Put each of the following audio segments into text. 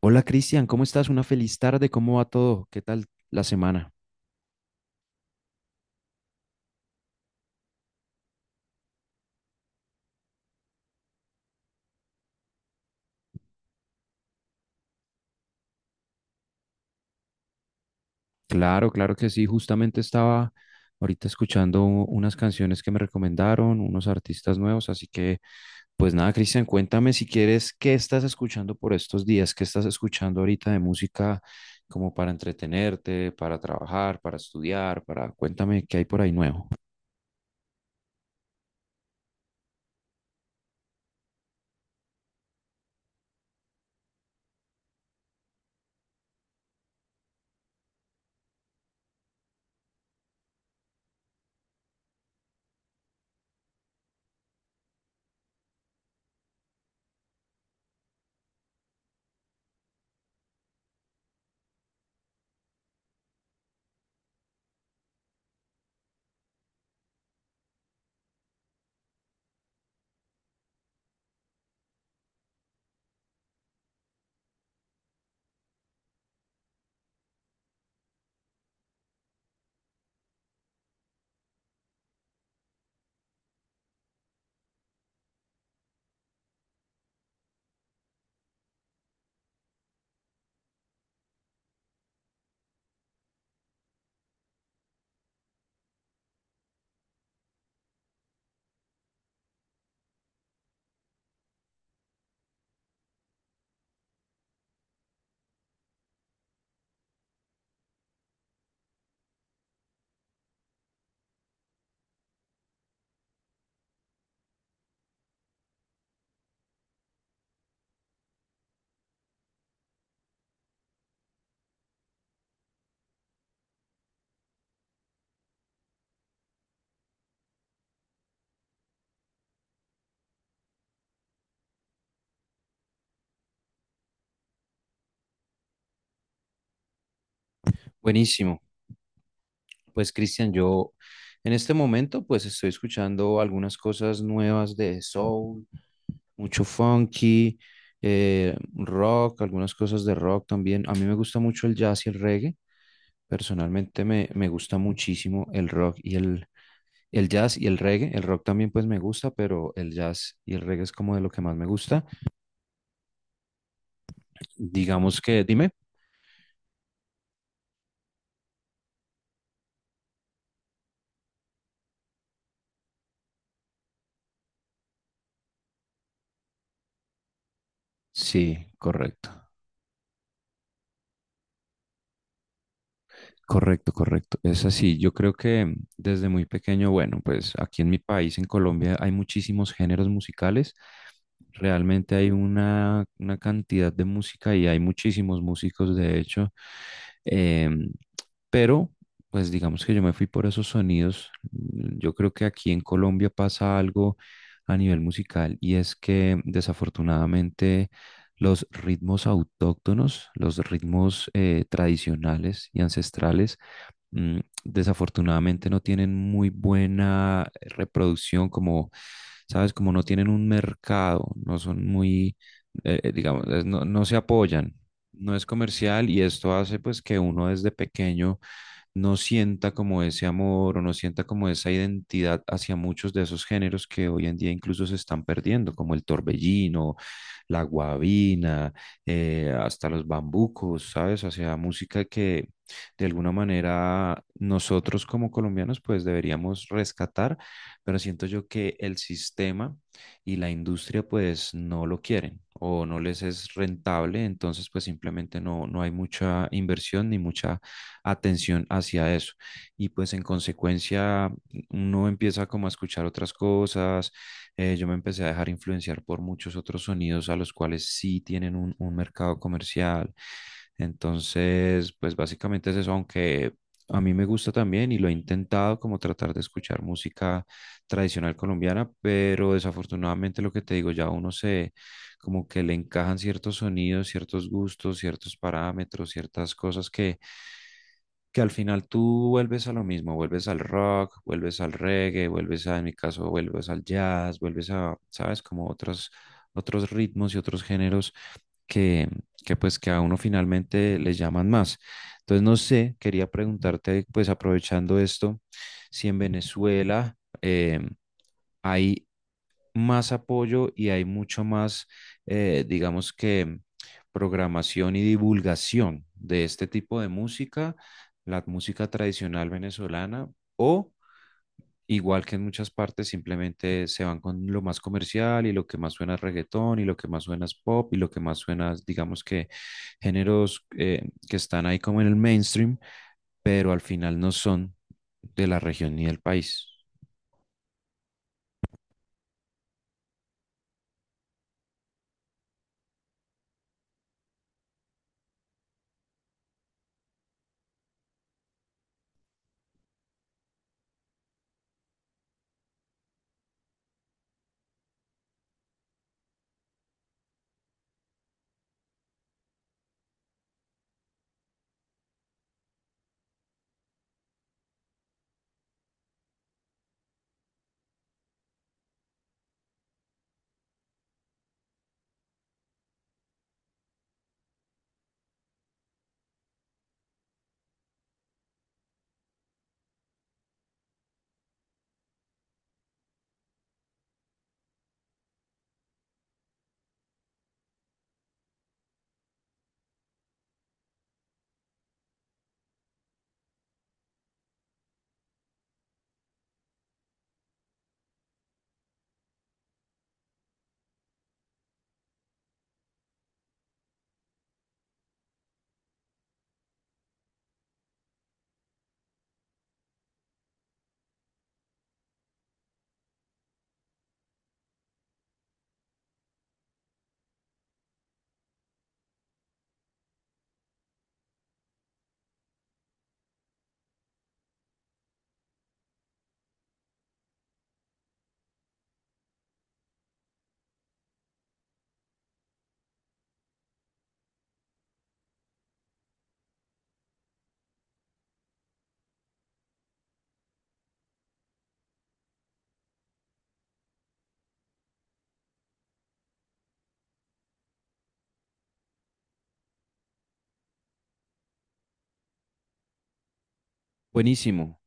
Hola Cristian, ¿cómo estás? Una feliz tarde, ¿cómo va todo? ¿Qué tal la semana? Claro, claro que sí, justamente estaba ahorita escuchando unas canciones que me recomendaron, unos artistas nuevos, así que pues nada, Cristian, cuéntame si quieres, ¿qué estás escuchando por estos días? ¿Qué estás escuchando ahorita de música como para entretenerte, para trabajar, para estudiar, para... Cuéntame qué hay por ahí nuevo. Buenísimo. Pues Cristian, yo en este momento pues estoy escuchando algunas cosas nuevas de soul, mucho funky, rock, algunas cosas de rock también. A mí me gusta mucho el jazz y el reggae. Personalmente me gusta muchísimo el rock y el jazz y el reggae. El rock también pues me gusta, pero el jazz y el reggae es como de lo que más me gusta. Digamos que, dime. Sí, correcto. Correcto, correcto. Es así. Yo creo que desde muy pequeño, bueno, pues aquí en mi país, en Colombia, hay muchísimos géneros musicales. Realmente hay una cantidad de música y hay muchísimos músicos, de hecho. Em, pero, pues digamos que yo me fui por esos sonidos. Yo creo que aquí en Colombia pasa algo a nivel musical y es que desafortunadamente los ritmos autóctonos, los ritmos tradicionales y ancestrales, desafortunadamente no tienen muy buena reproducción, como, ¿sabes? Como no tienen un mercado, no son muy, digamos, no, no se apoyan, no es comercial y esto hace pues que uno desde pequeño no sienta como ese amor o no sienta como esa identidad hacia muchos de esos géneros que hoy en día incluso se están perdiendo, como el torbellino, la guabina, hasta los bambucos, ¿sabes? O sea, música que de alguna manera nosotros como colombianos pues deberíamos rescatar, pero siento yo que el sistema y la industria pues no lo quieren o no les es rentable, entonces pues simplemente no, no hay mucha inversión ni mucha atención hacia eso. Y pues en consecuencia uno empieza como a escuchar otras cosas, yo me empecé a dejar influenciar por muchos otros sonidos a los cuales sí tienen un mercado comercial. Entonces, pues básicamente es eso, aunque a mí me gusta también y lo he intentado como tratar de escuchar música tradicional colombiana, pero desafortunadamente lo que te digo, ya uno se como que le encajan ciertos sonidos, ciertos gustos, ciertos parámetros, ciertas cosas que al final tú vuelves a lo mismo, vuelves al rock, vuelves al reggae, vuelves a, en mi caso, vuelves al jazz, vuelves a, ¿sabes? Como otros, otros ritmos y otros géneros que, que pues que a uno finalmente les llaman más. Entonces, no sé, quería preguntarte, pues aprovechando esto, si en Venezuela hay más apoyo y hay mucho más, digamos que, programación y divulgación de este tipo de música, la música tradicional venezolana, o igual que en muchas partes, simplemente se van con lo más comercial y lo que más suena es reggaetón y lo que más suena es pop y lo que más suena, es, digamos que, géneros que están ahí como en el mainstream, pero al final no son de la región ni del país. Buenísimo,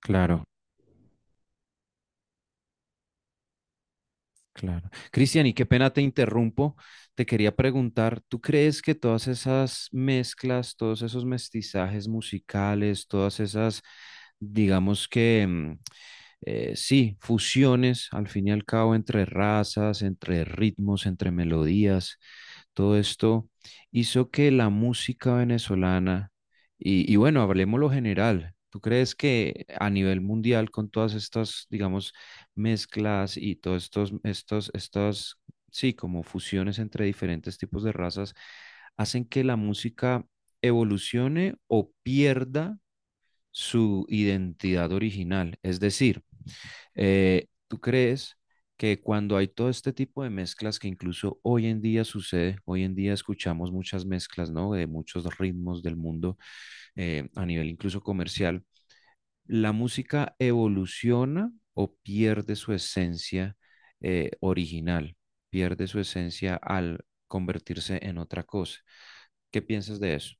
claro. Claro. Cristian, y qué pena te interrumpo. Te quería preguntar, ¿tú crees que todas esas mezclas, todos esos mestizajes musicales, todas esas, digamos que, sí, fusiones al fin y al cabo entre razas, entre ritmos, entre melodías, todo esto hizo que la música venezolana, y bueno, hablemos lo general, ¿tú crees que a nivel mundial, con todas estas, digamos, mezclas y todos estos, sí, como fusiones entre diferentes tipos de razas, hacen que la música evolucione o pierda su identidad original? Es decir, ¿tú crees que cuando hay todo este tipo de mezclas que incluso hoy en día sucede, hoy en día escuchamos muchas mezclas, ¿no? De muchos ritmos del mundo, a nivel incluso comercial, la música evoluciona o pierde su esencia, original, pierde su esencia al convertirse en otra cosa? ¿Qué piensas de eso?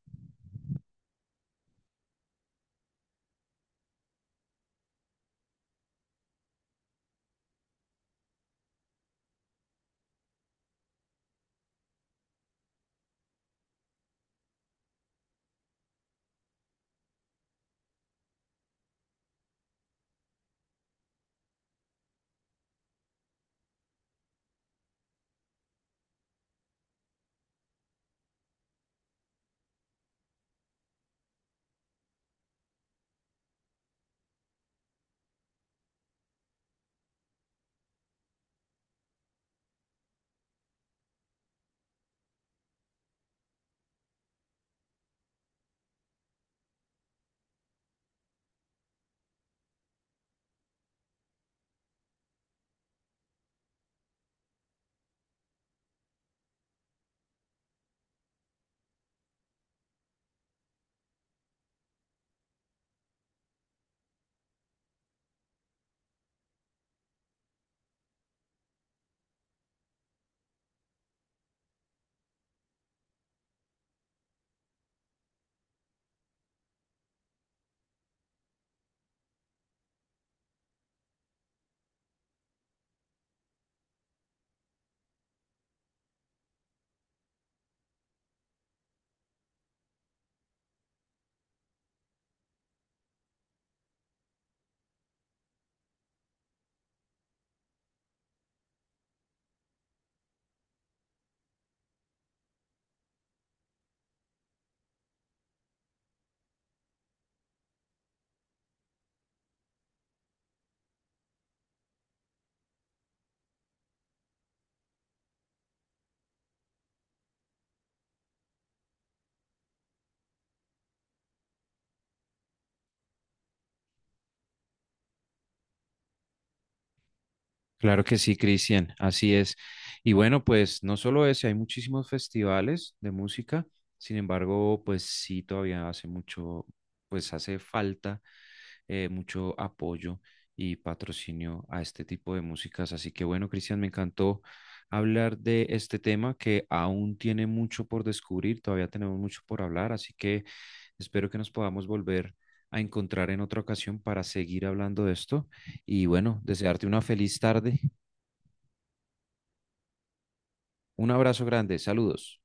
Claro que sí, Cristian, así es. Y bueno, pues no solo ese, hay muchísimos festivales de música, sin embargo, pues sí, todavía hace mucho, pues hace falta mucho apoyo y patrocinio a este tipo de músicas. Así que bueno, Cristian, me encantó hablar de este tema que aún tiene mucho por descubrir, todavía tenemos mucho por hablar, así que espero que nos podamos volver a encontrar en otra ocasión para seguir hablando de esto. Y bueno, desearte una feliz tarde. Un abrazo grande, saludos.